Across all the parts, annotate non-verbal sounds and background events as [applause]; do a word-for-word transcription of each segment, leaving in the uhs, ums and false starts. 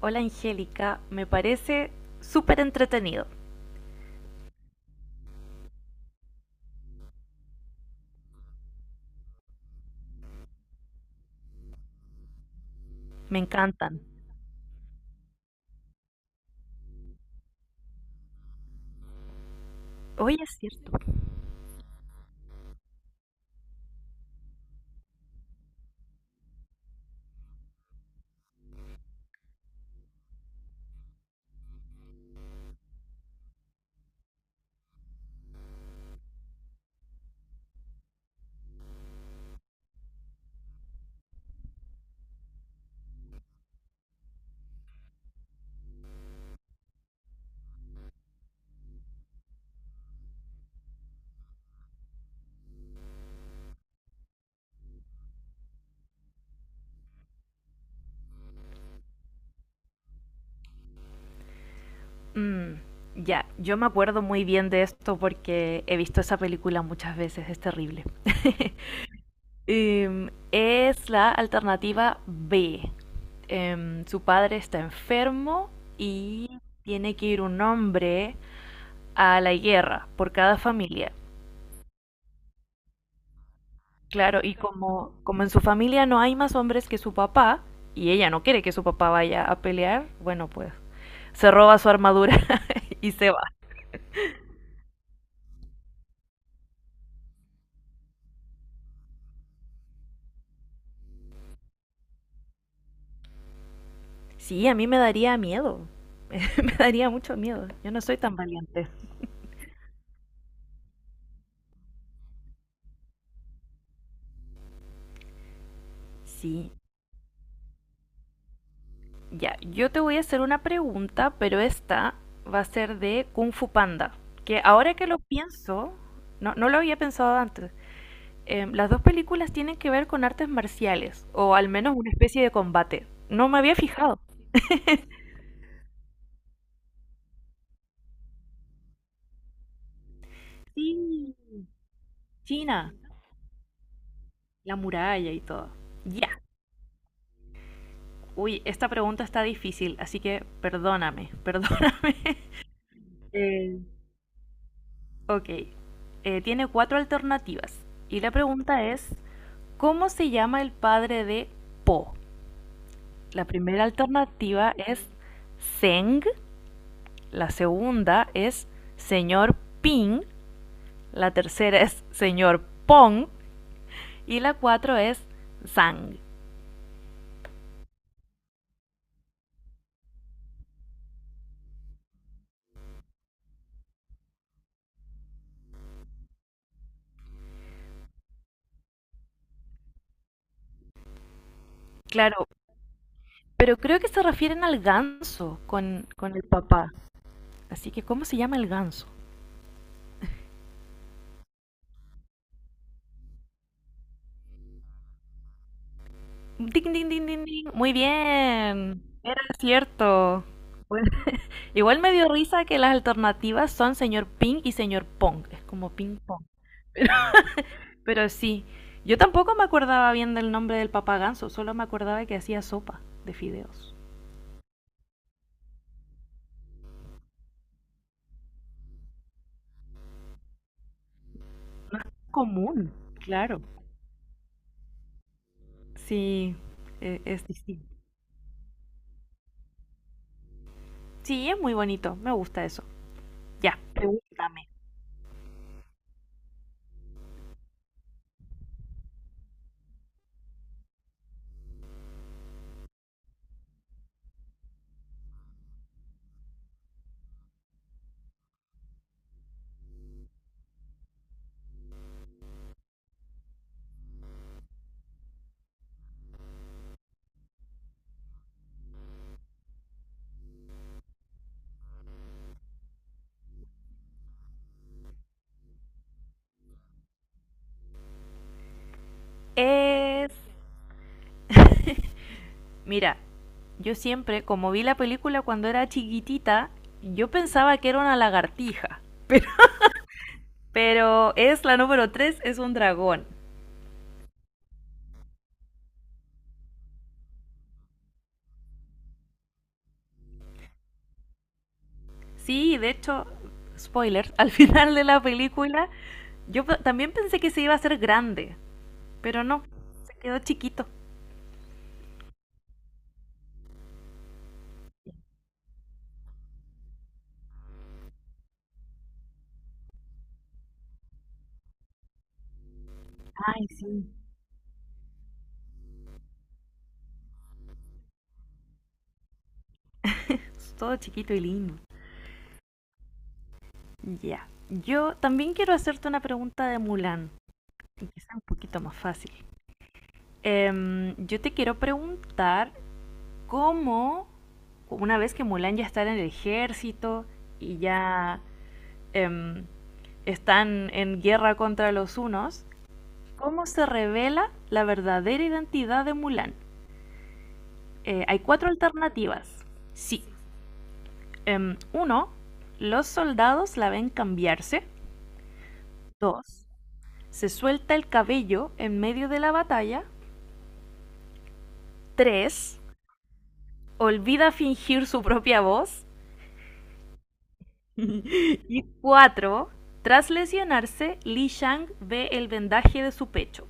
Hola, Angélica, me parece súper entretenido. Me encantan. Oye, es cierto. Mm, ya, yo me acuerdo muy bien de esto porque he visto esa película muchas veces, es terrible. [laughs] Em, es la alternativa B. Em, su padre está enfermo y tiene que ir un hombre a la guerra por cada familia. Claro, y como, como en su familia no hay más hombres que su papá, y ella no quiere que su papá vaya a pelear, bueno, pues se roba su armadura [laughs] y se va. Sí, a mí me daría miedo. [laughs] Me daría mucho miedo. Yo no soy tan valiente. Sí, ya. Yo te voy a hacer una pregunta, pero esta va a ser de Kung Fu Panda. Que ahora que lo pienso, no, no lo había pensado antes. Eh, las dos películas tienen que ver con artes marciales, o al menos una especie de combate. No me había fijado. Sí, China, la muralla y todo. Ya. Uy, esta pregunta está difícil, así que perdóname, [laughs] perdóname. Eh, Ok, eh, tiene cuatro alternativas. Y la pregunta es, ¿cómo se llama el padre de Po? La primera alternativa es Zeng, la segunda es señor Ping, la tercera es señor Pong y la cuatro es Zhang. Claro, pero creo que se refieren al ganso con, con el papá. Así que, ¿cómo se llama el ganso? Ding, ding, ding, ding, ding. Muy bien, era cierto. Igual me dio risa que las alternativas son señor Ping y señor Pong. Es como Ping Pong. Pero sí, yo tampoco me acordaba bien del nombre del papá ganso, solo me acordaba que hacía sopa de fideos. Común, claro. Sí, eh, es distinto. Sí, es muy bonito, me gusta eso. Ya, pregúntame. Es... Mira, yo siempre, como vi la película cuando era chiquitita, yo pensaba que era una lagartija. [laughs] Pero, es la número tres, es un dragón. Sí, de hecho, spoiler, [laughs] al final de la película yo pe- también pensé que se iba a hacer grande, pero no, se quedó chiquito. Ay, sí, todo chiquito y lindo. Ya. Yo también quiero hacerte una pregunta de Mulan, y que sea un poquito más fácil. Em, yo te quiero preguntar cómo, una vez que Mulan ya está en el ejército y ya em, están en guerra contra los unos, ¿cómo se revela la verdadera identidad de Mulan? Eh, hay cuatro alternativas. Sí. Em, uno, los soldados la ven cambiarse. Dos, se suelta el cabello en medio de la batalla. Tres, olvida fingir su propia voz. [laughs] Y cuatro, tras lesionarse, Li Shang ve el vendaje de su pecho.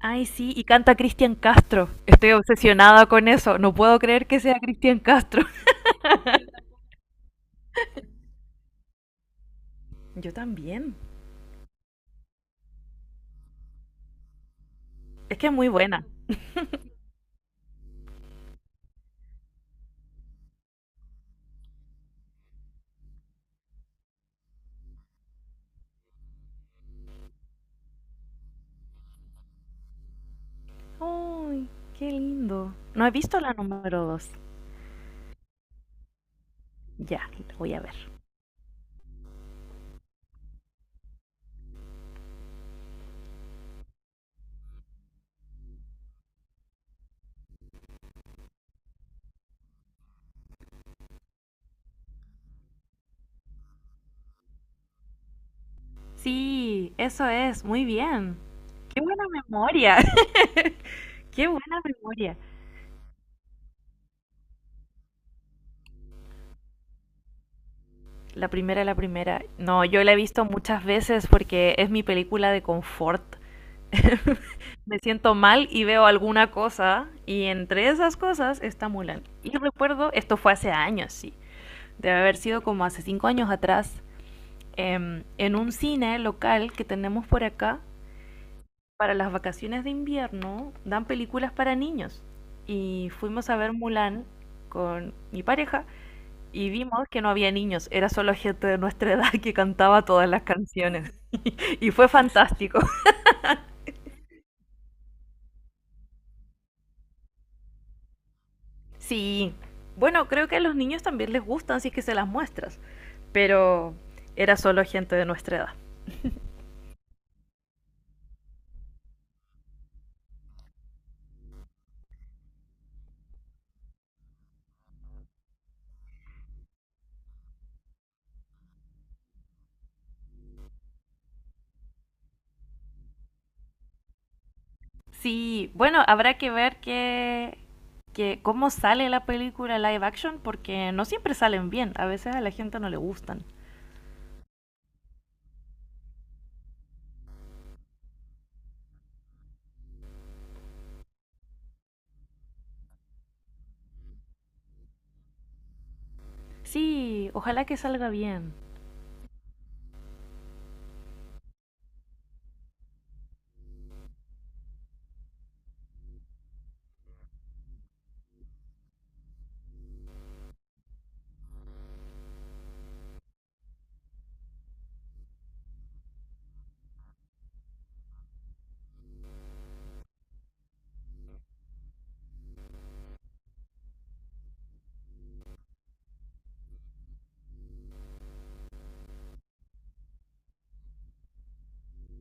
Ay, sí, y canta Cristian Castro. Estoy obsesionada con eso. No puedo creer que sea Cristian Castro. [laughs] Yo también. Es que es muy buena. Uy, qué lindo. No he visto la número dos. Ya, la voy a ver. Sí, eso es, muy bien. Qué buena memoria. [laughs] Qué buena memoria. La primera, la primera. No, yo la he visto muchas veces porque es mi película de confort. Me siento mal y veo alguna cosa y entre esas cosas está Mulan. Y recuerdo, esto fue hace años, sí. Debe haber sido como hace cinco años atrás. Em, en un cine local que tenemos por acá, para las vacaciones de invierno dan películas para niños y fuimos a ver Mulan con mi pareja y vimos que no había niños, era solo gente de nuestra [laughs] edad que cantaba todas las canciones [laughs] y fue fantástico. [laughs] Sí, bueno, creo que a los niños también les gustan si es que se las muestras, pero era solo gente de nuestra edad. Sí, bueno, habrá que ver que, que cómo sale la película live action porque no siempre salen bien, a veces a la gente no le gustan. Sí, ojalá que salga bien.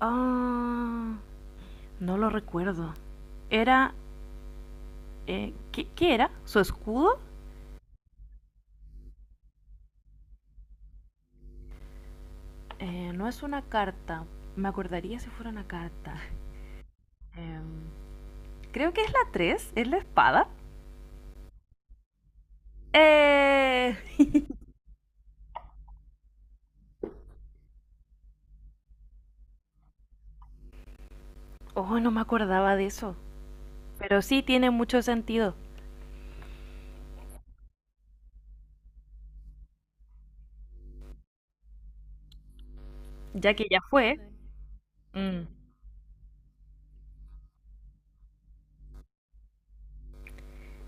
Ah, no lo recuerdo. Era... eh, ¿qué, qué era? ¿Su escudo? Eh, no es una carta. Me acordaría si fuera una carta. Em, Creo que es la tres. Es la espada. Eh... Oh, no me acordaba de eso. Pero sí tiene mucho sentido, ya que ya fue. Mm,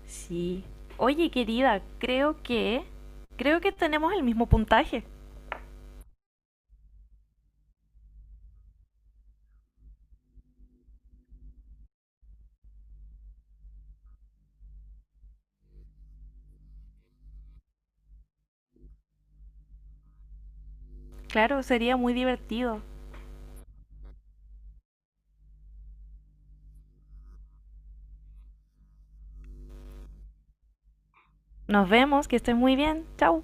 sí. Oye, querida, creo que... Creo que tenemos el mismo puntaje. Claro, sería muy divertido. Nos vemos, que estés muy bien. Chao.